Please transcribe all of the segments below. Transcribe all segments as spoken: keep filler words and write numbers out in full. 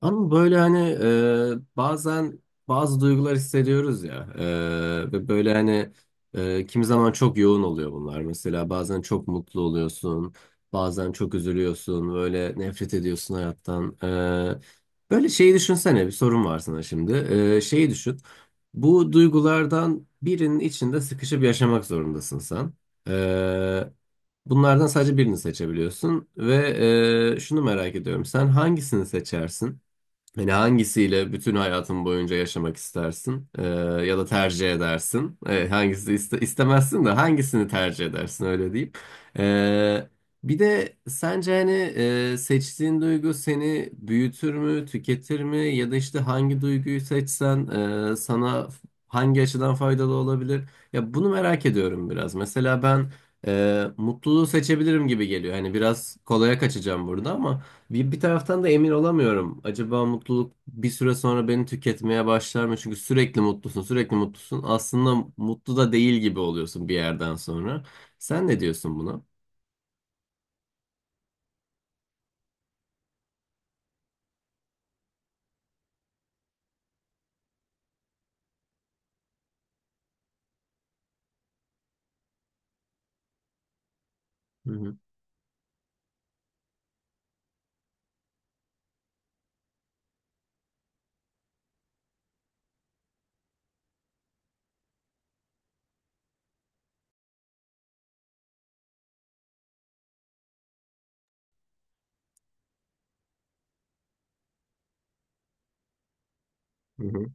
Ama böyle hani e, bazen bazı duygular hissediyoruz ya e, ve böyle hani e, kimi zaman çok yoğun oluyor bunlar. Mesela bazen çok mutlu oluyorsun, bazen çok üzülüyorsun, böyle nefret ediyorsun hayattan. E, böyle şeyi düşünsene bir sorun var sana şimdi. E, şeyi düşün. Bu duygulardan birinin içinde sıkışıp yaşamak zorundasın sen. E, Bunlardan sadece birini seçebiliyorsun ve e, şunu merak ediyorum. Sen hangisini seçersin? Yani hangisiyle bütün hayatın boyunca yaşamak istersin Ee, ya da tercih edersin? Ee, hangisi iste- istemezsin de hangisini tercih edersin öyle diyeyim. Ee, Bir de sence hani e, seçtiğin duygu seni büyütür mü, tüketir mi? Ya da işte hangi duyguyu seçsen e, sana f- hangi açıdan faydalı olabilir? Ya bunu merak ediyorum biraz. Mesela ben e, mutluluğu seçebilirim gibi geliyor. Hani biraz kolaya kaçacağım burada ama. Bir, bir taraftan da emin olamıyorum. Acaba mutluluk bir süre sonra beni tüketmeye başlar mı? Çünkü sürekli mutlusun, sürekli mutlusun. Aslında mutlu da değil gibi oluyorsun bir yerden sonra. Sen ne diyorsun buna? Hı hı. Hı hı.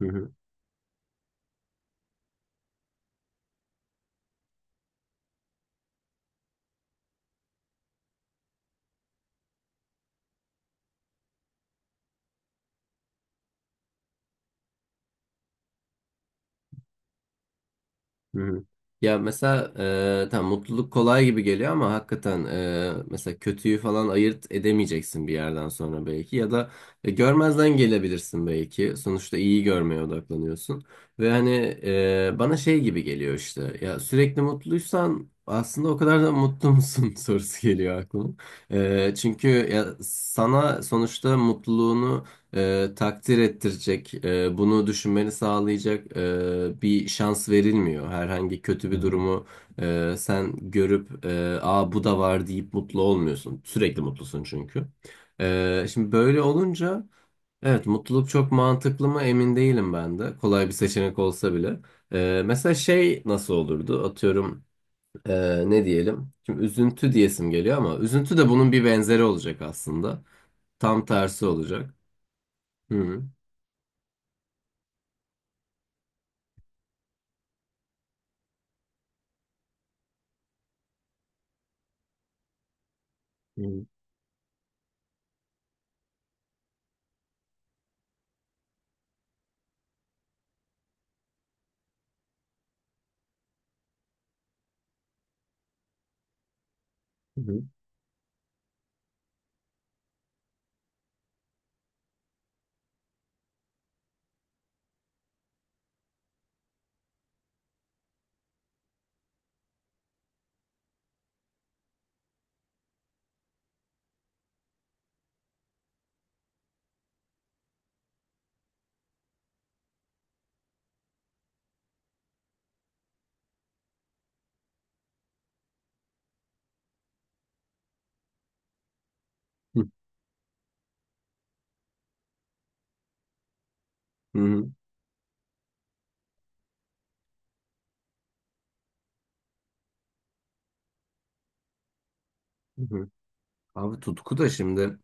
Hı hı. Hı hı. Ya mesela e, tam mutluluk kolay gibi geliyor ama hakikaten e, mesela kötüyü falan ayırt edemeyeceksin bir yerden sonra belki ya da e, görmezden gelebilirsin belki. Sonuçta iyi görmeye odaklanıyorsun ve hani e, bana şey gibi geliyor işte ya sürekli mutluysan aslında o kadar da mutlu musun sorusu geliyor aklıma. E, çünkü ya sana sonuçta mutluluğunu e, takdir ettirecek, e, bunu düşünmeni sağlayacak e, bir şans verilmiyor. Herhangi kötü bir durumu e, sen görüp e, "Aa bu da var" deyip mutlu olmuyorsun. Sürekli mutlusun çünkü. E, şimdi böyle olunca evet mutluluk çok mantıklı mı emin değilim ben de. Kolay bir seçenek olsa bile. E, mesela şey nasıl olurdu? Atıyorum e, ne diyelim? Şimdi üzüntü diyesim geliyor ama üzüntü de bunun bir benzeri olacak aslında. Tam tersi olacak. Hı hı. Hı hı. Hı hı. Hı hı. Abi tutku da şimdi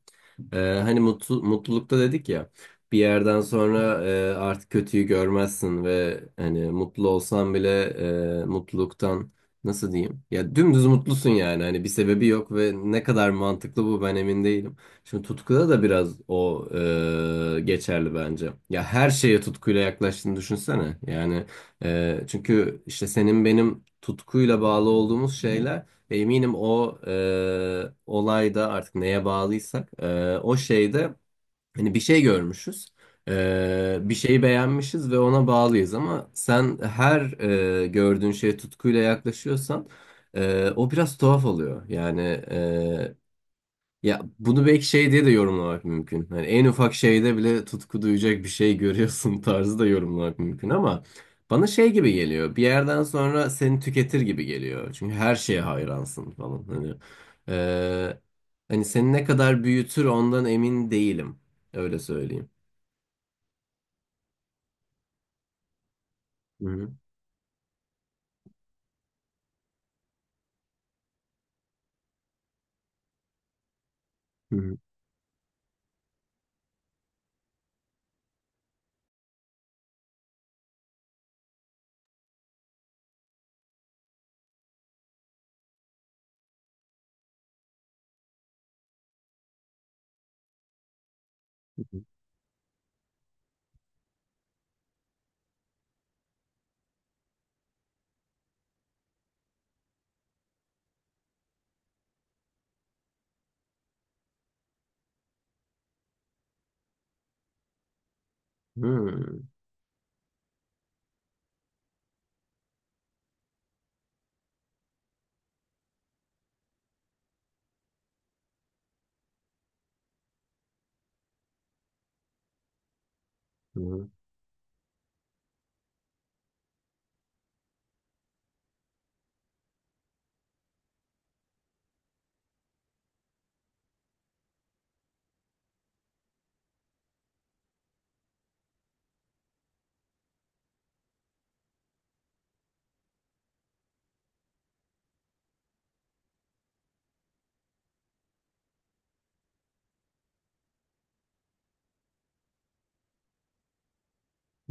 e, hani mutlu, mutlulukta dedik ya bir yerden sonra e, artık kötüyü görmezsin ve hani mutlu olsan bile e, mutluluktan nasıl diyeyim ya dümdüz mutlusun yani hani bir sebebi yok ve ne kadar mantıklı bu ben emin değilim. Şimdi tutkuda da biraz o e, geçerli bence. Ya her şeye tutkuyla yaklaştığını düşünsene yani e, çünkü işte senin benim tutkuyla bağlı olduğumuz şeyler. Eminim o e, olayda artık neye bağlıysak e, o şeyde hani bir şey görmüşüz. E, bir şeyi beğenmişiz ve ona bağlıyız ama sen her e, gördüğün şeye tutkuyla yaklaşıyorsan e, o biraz tuhaf oluyor. Yani e, ya bunu belki şey diye de yorumlamak mümkün. Hani en ufak şeyde bile tutku duyacak bir şey görüyorsun tarzı da yorumlamak mümkün ama bana şey gibi geliyor. Bir yerden sonra seni tüketir gibi geliyor. Çünkü her şeye hayransın falan. Hani eee, hani seni ne kadar büyütür ondan emin değilim. Öyle söyleyeyim. Hı hı. Hı hı. Hı hı.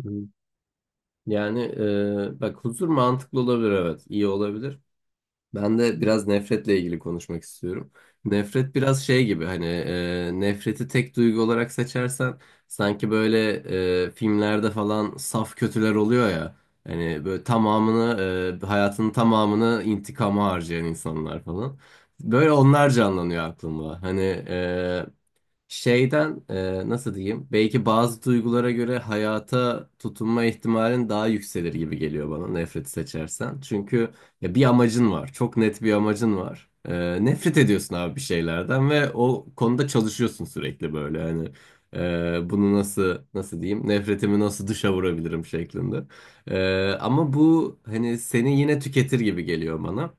Hı hı. Yani eee, bak huzur mantıklı olabilir evet. İyi olabilir. Ben de biraz nefretle ilgili konuşmak istiyorum. Nefret biraz şey gibi hani e, nefreti tek duygu olarak seçersen sanki böyle e, filmlerde falan saf kötüler oluyor ya. Hani böyle tamamını e, hayatının tamamını intikama harcayan insanlar falan. Böyle onlar canlanıyor aklımda. Hani şeyden e, nasıl diyeyim? Belki bazı duygulara göre hayata tutunma ihtimalin daha yükselir gibi geliyor bana nefreti seçersen. Çünkü ya bir amacın var. Çok net bir amacın var. E, nefret ediyorsun abi bir şeylerden ve o konuda çalışıyorsun sürekli böyle. Hani e, bunu nasıl nasıl diyeyim? Nefretimi nasıl dışa vurabilirim şeklinde. E, ama bu hani seni yine tüketir gibi geliyor bana.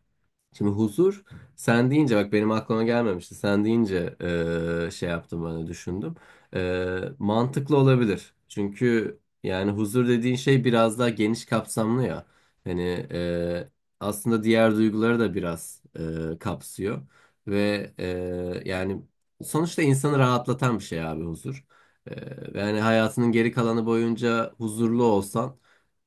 Şimdi huzur sen deyince bak benim aklıma gelmemişti. Sen deyince eee, şey yaptım ben de düşündüm. Eee, mantıklı olabilir. Çünkü yani huzur dediğin şey biraz daha geniş kapsamlı ya. Hani eee, aslında diğer duyguları da biraz eee, kapsıyor. Ve eee, yani sonuçta insanı rahatlatan bir şey abi huzur. Eee, yani hayatının geri kalanı boyunca huzurlu olsan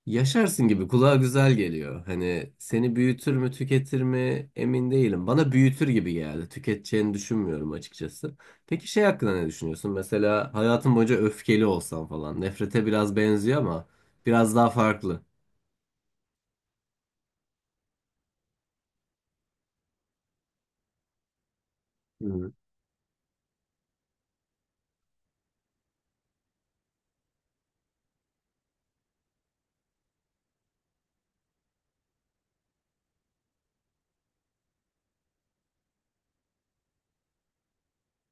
yaşarsın gibi kulağa güzel geliyor. Hani seni büyütür mü tüketir mi emin değilim. Bana büyütür gibi geldi. Tüketeceğini düşünmüyorum açıkçası. Peki şey hakkında ne düşünüyorsun? Mesela hayatın boyunca öfkeli olsan falan. Nefrete biraz benziyor ama biraz daha farklı. Hı hı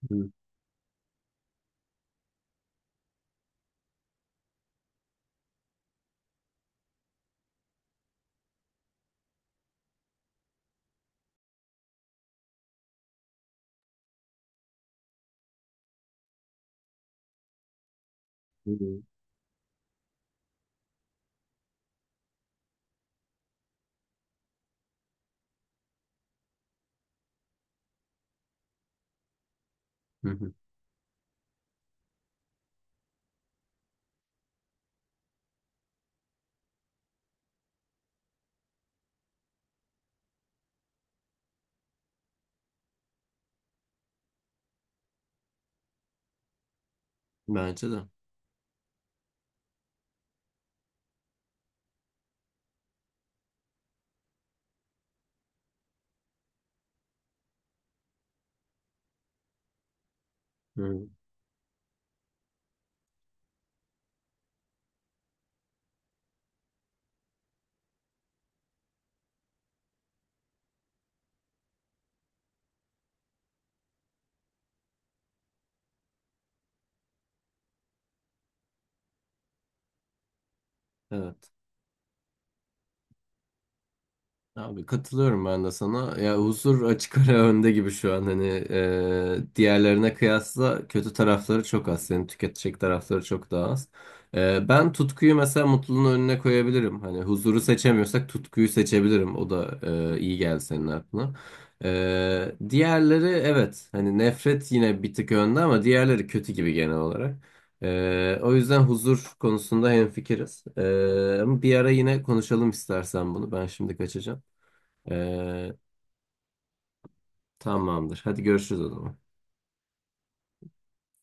hı. Hı. Hı hı. Bence de. Hı. Evet. Abi katılıyorum ben de sana. Ya huzur açık ara önde gibi şu an hani e, diğerlerine kıyasla kötü tarafları çok az. Senin tüketecek tarafları çok daha az. E, ben tutkuyu mesela mutluluğun önüne koyabilirim. Hani huzuru seçemiyorsak tutkuyu seçebilirim. O da e, iyi geldi senin aklına. E, diğerleri evet hani nefret yine bir tık önde ama diğerleri kötü gibi genel olarak. E, o yüzden huzur konusunda hemfikiriz. E, ama bir ara yine konuşalım istersen bunu. Ben şimdi kaçacağım. Ee, Tamamdır. Hadi görüşürüz o zaman.